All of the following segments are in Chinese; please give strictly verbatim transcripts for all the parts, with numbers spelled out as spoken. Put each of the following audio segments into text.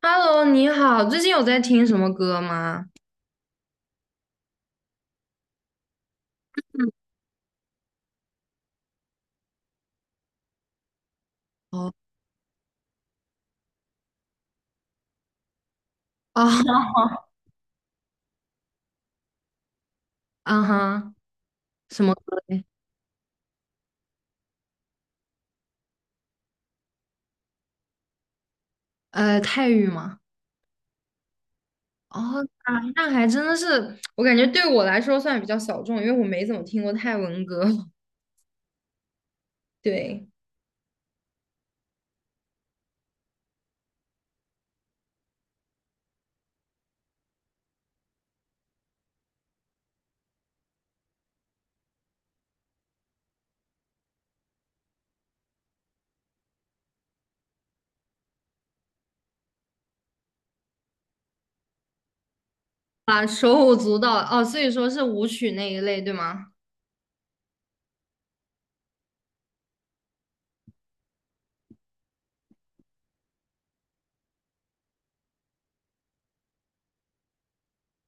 Hello，你好，最近有在听什么歌吗？嗯，哦，啊哈，啊哈，什么歌嘞？呃，泰语吗？哦，啊，那还真的是，我感觉对我来说算比较小众，因为我没怎么听过泰文歌。对，啊，手舞足蹈，哦，所以说是舞曲那一类，对吗？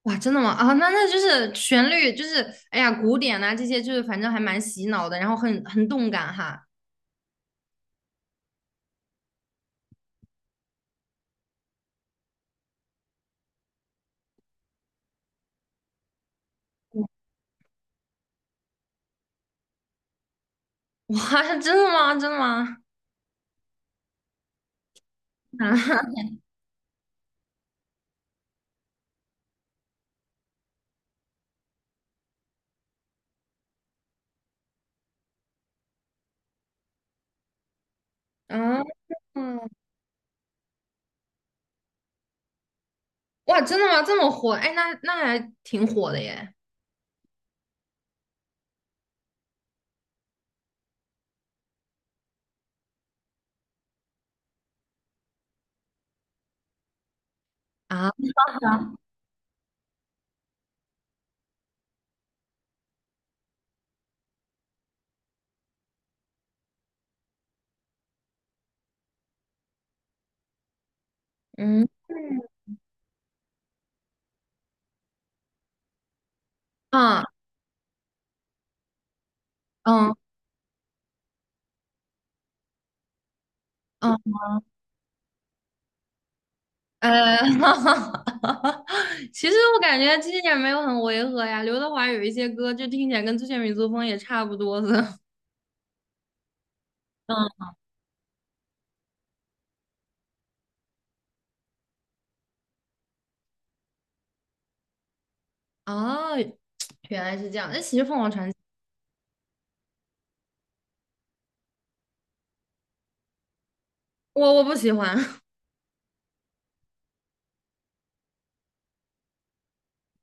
哇，真的吗？啊，那那就是旋律，就是哎呀，古典呐这些就是反正还蛮洗脑的，然后很很动感哈。哇，真的吗？真的吗？啊。啊，哇，真的吗？这么火？哎，那那还挺火的耶。啊，嗯嗯嗯嗯，呃，其实我感觉这一点没有很违和呀。刘德华有一些歌，就听起来跟之前民族风也差不多的。嗯，哦，原来是这样。那其实凤凰传奇，我我不喜欢，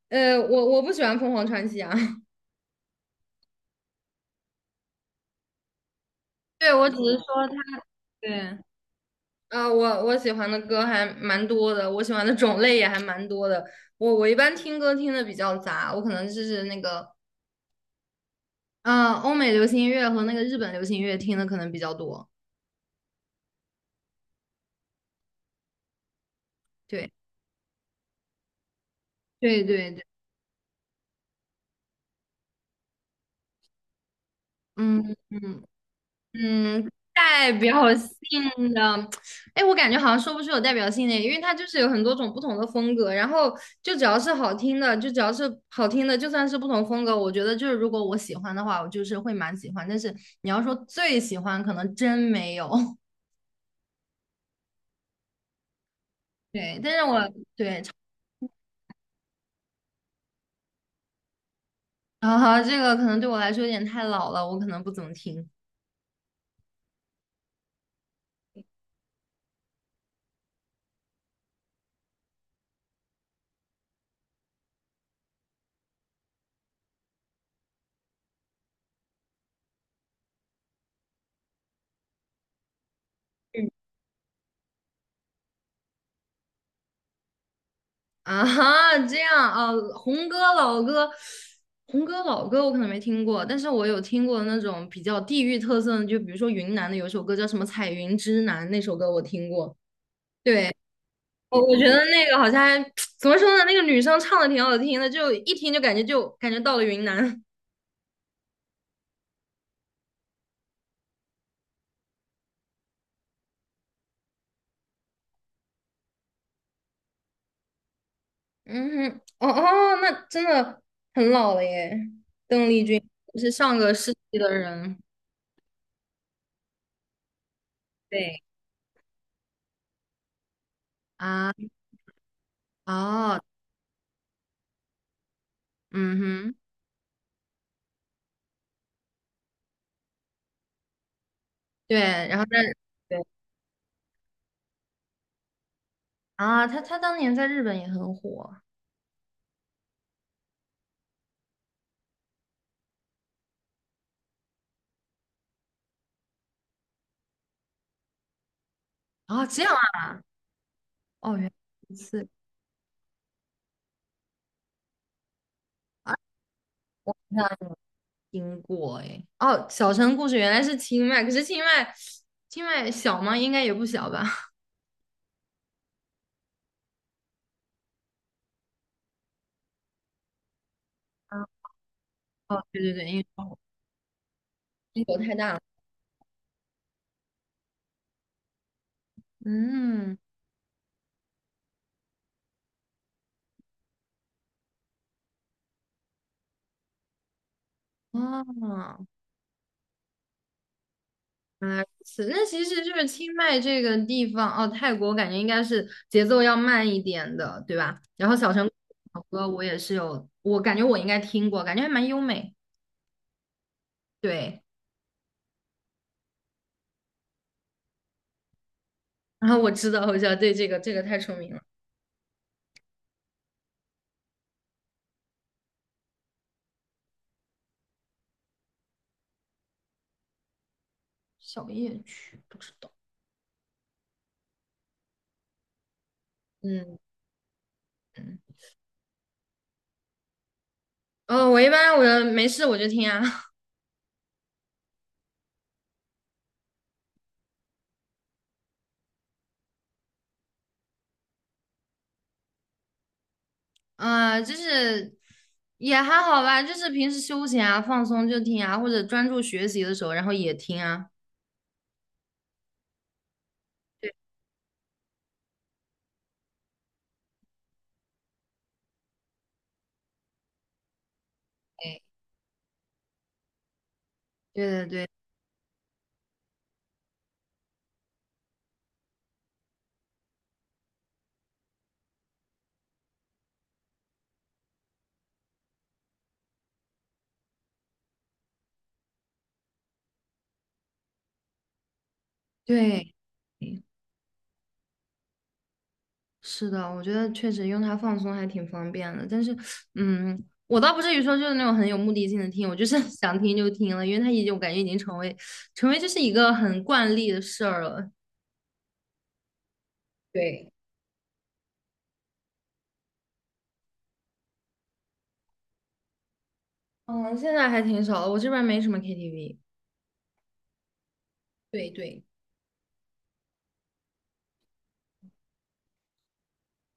呃，我我不喜欢凤凰传奇啊。对，我只是说他，对。啊，我我喜欢的歌还蛮多的，我喜欢的种类也还蛮多的。我我一般听歌听的比较杂，我可能就是那个，啊，欧美流行音乐和那个日本流行音乐听的可能比较多。对，对对对，嗯嗯。嗯，代表性的，哎，我感觉好像说不出有代表性的，因为它就是有很多种不同的风格，然后就只要是好听的，就只要是好听的，就算是不同风格，我觉得就是如果我喜欢的话，我就是会蛮喜欢，但是你要说最喜欢，可能真没有。对，但是我对，啊，后这个可能对我来说有点太老了，我可能不怎么听。啊哈，这样啊，红歌老歌，红歌老歌我可能没听过，但是我有听过那种比较地域特色的，就比如说云南的有一首歌叫什么《彩云之南》，那首歌我听过。对，我我觉得那个好像还 怎么说呢，那个女生唱的挺好听的，就一听就感觉就感觉到了云南。嗯哼，哦哦，那真的很老了耶，邓丽君是上个世纪的人。对啊，哦，嗯哼，对，然后但。啊，他他当年在日本也很火。啊，这样啊，哦，原来如此啊，那听过哎。哦，小城故事原来是清迈，可是清迈，清迈小吗？应该也不小吧。啊，哦，对对对，因为英国太大了。嗯，哦，原来如此。那其实就是清迈这个地方，哦，泰国我感觉应该是节奏要慢一点的，对吧？然后小城故事这首歌我也是有，我感觉我应该听过，感觉还蛮优美。对。然后我知道，我知道，对，这个这个太出名了。小夜曲不知道。嗯嗯，哦，我一般我没事我就听啊，啊、就是也还好吧，就是平时休闲啊、放松就听啊，或者专注学习的时候，然后也听啊。对，对对对对，是的，我觉得确实用它放松还挺方便的。但是，嗯，我倒不至于说就是那种很有目的性的听，我就是 想听就听了，因为它已经我感觉已经成为成为就是一个很惯例的事儿了。对。嗯，现在还挺少的，我这边没什么 K T V，对对，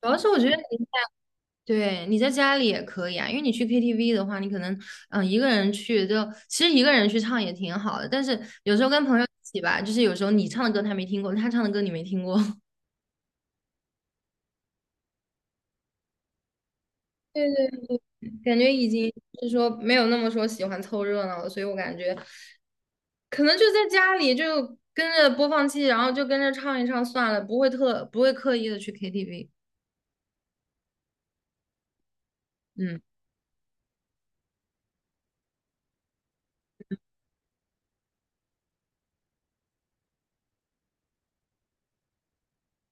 主要是我觉得你在对你在家里也可以啊，因为你去 K T V 的话，你可能嗯一个人去就其实一个人去唱也挺好的，但是有时候跟朋友一起吧，就是有时候你唱的歌他没听过，他唱的歌你没听过，对对，感觉已经就是说没有那么说喜欢凑热闹了，所以我感觉可能就在家里就跟着播放器，然后就跟着唱一唱算了，不会特不会刻意的去 K T V。嗯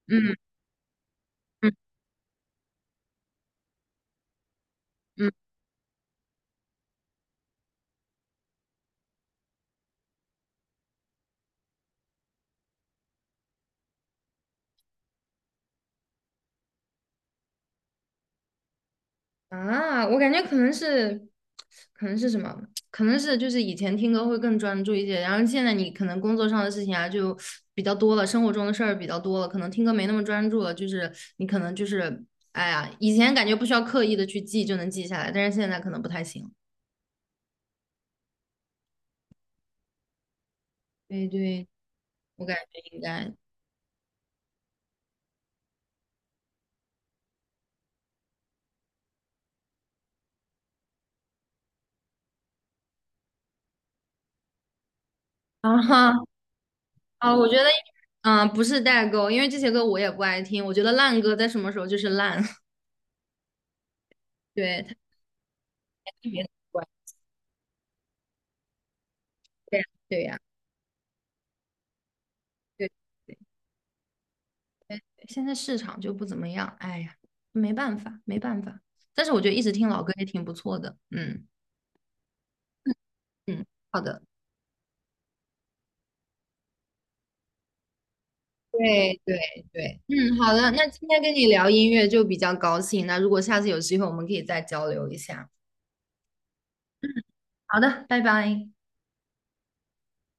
嗯嗯嗯。啊，我感觉可能是，可能是什么？可能是就是以前听歌会更专注一些，然后现在你可能工作上的事情啊就比较多了，生活中的事儿比较多了，可能听歌没那么专注了。就是你可能就是，哎呀，以前感觉不需要刻意的去记就能记下来，但是现在可能不太行。对对，我感觉应该 啊哈啊，我觉得嗯，不是代沟，因为这些歌我也不爱听，我觉得烂歌在什么时候就是烂，对，它特别怪，对呀对呀。对现在市场就不怎么样，哎呀，没办法，没办法。但是我觉得一直听老歌也挺不错的，嗯嗯，好的，对对对，嗯，好的，那今天跟你聊音乐就比较高兴，那如果下次有机会，我们可以再交流一下。好的，拜拜。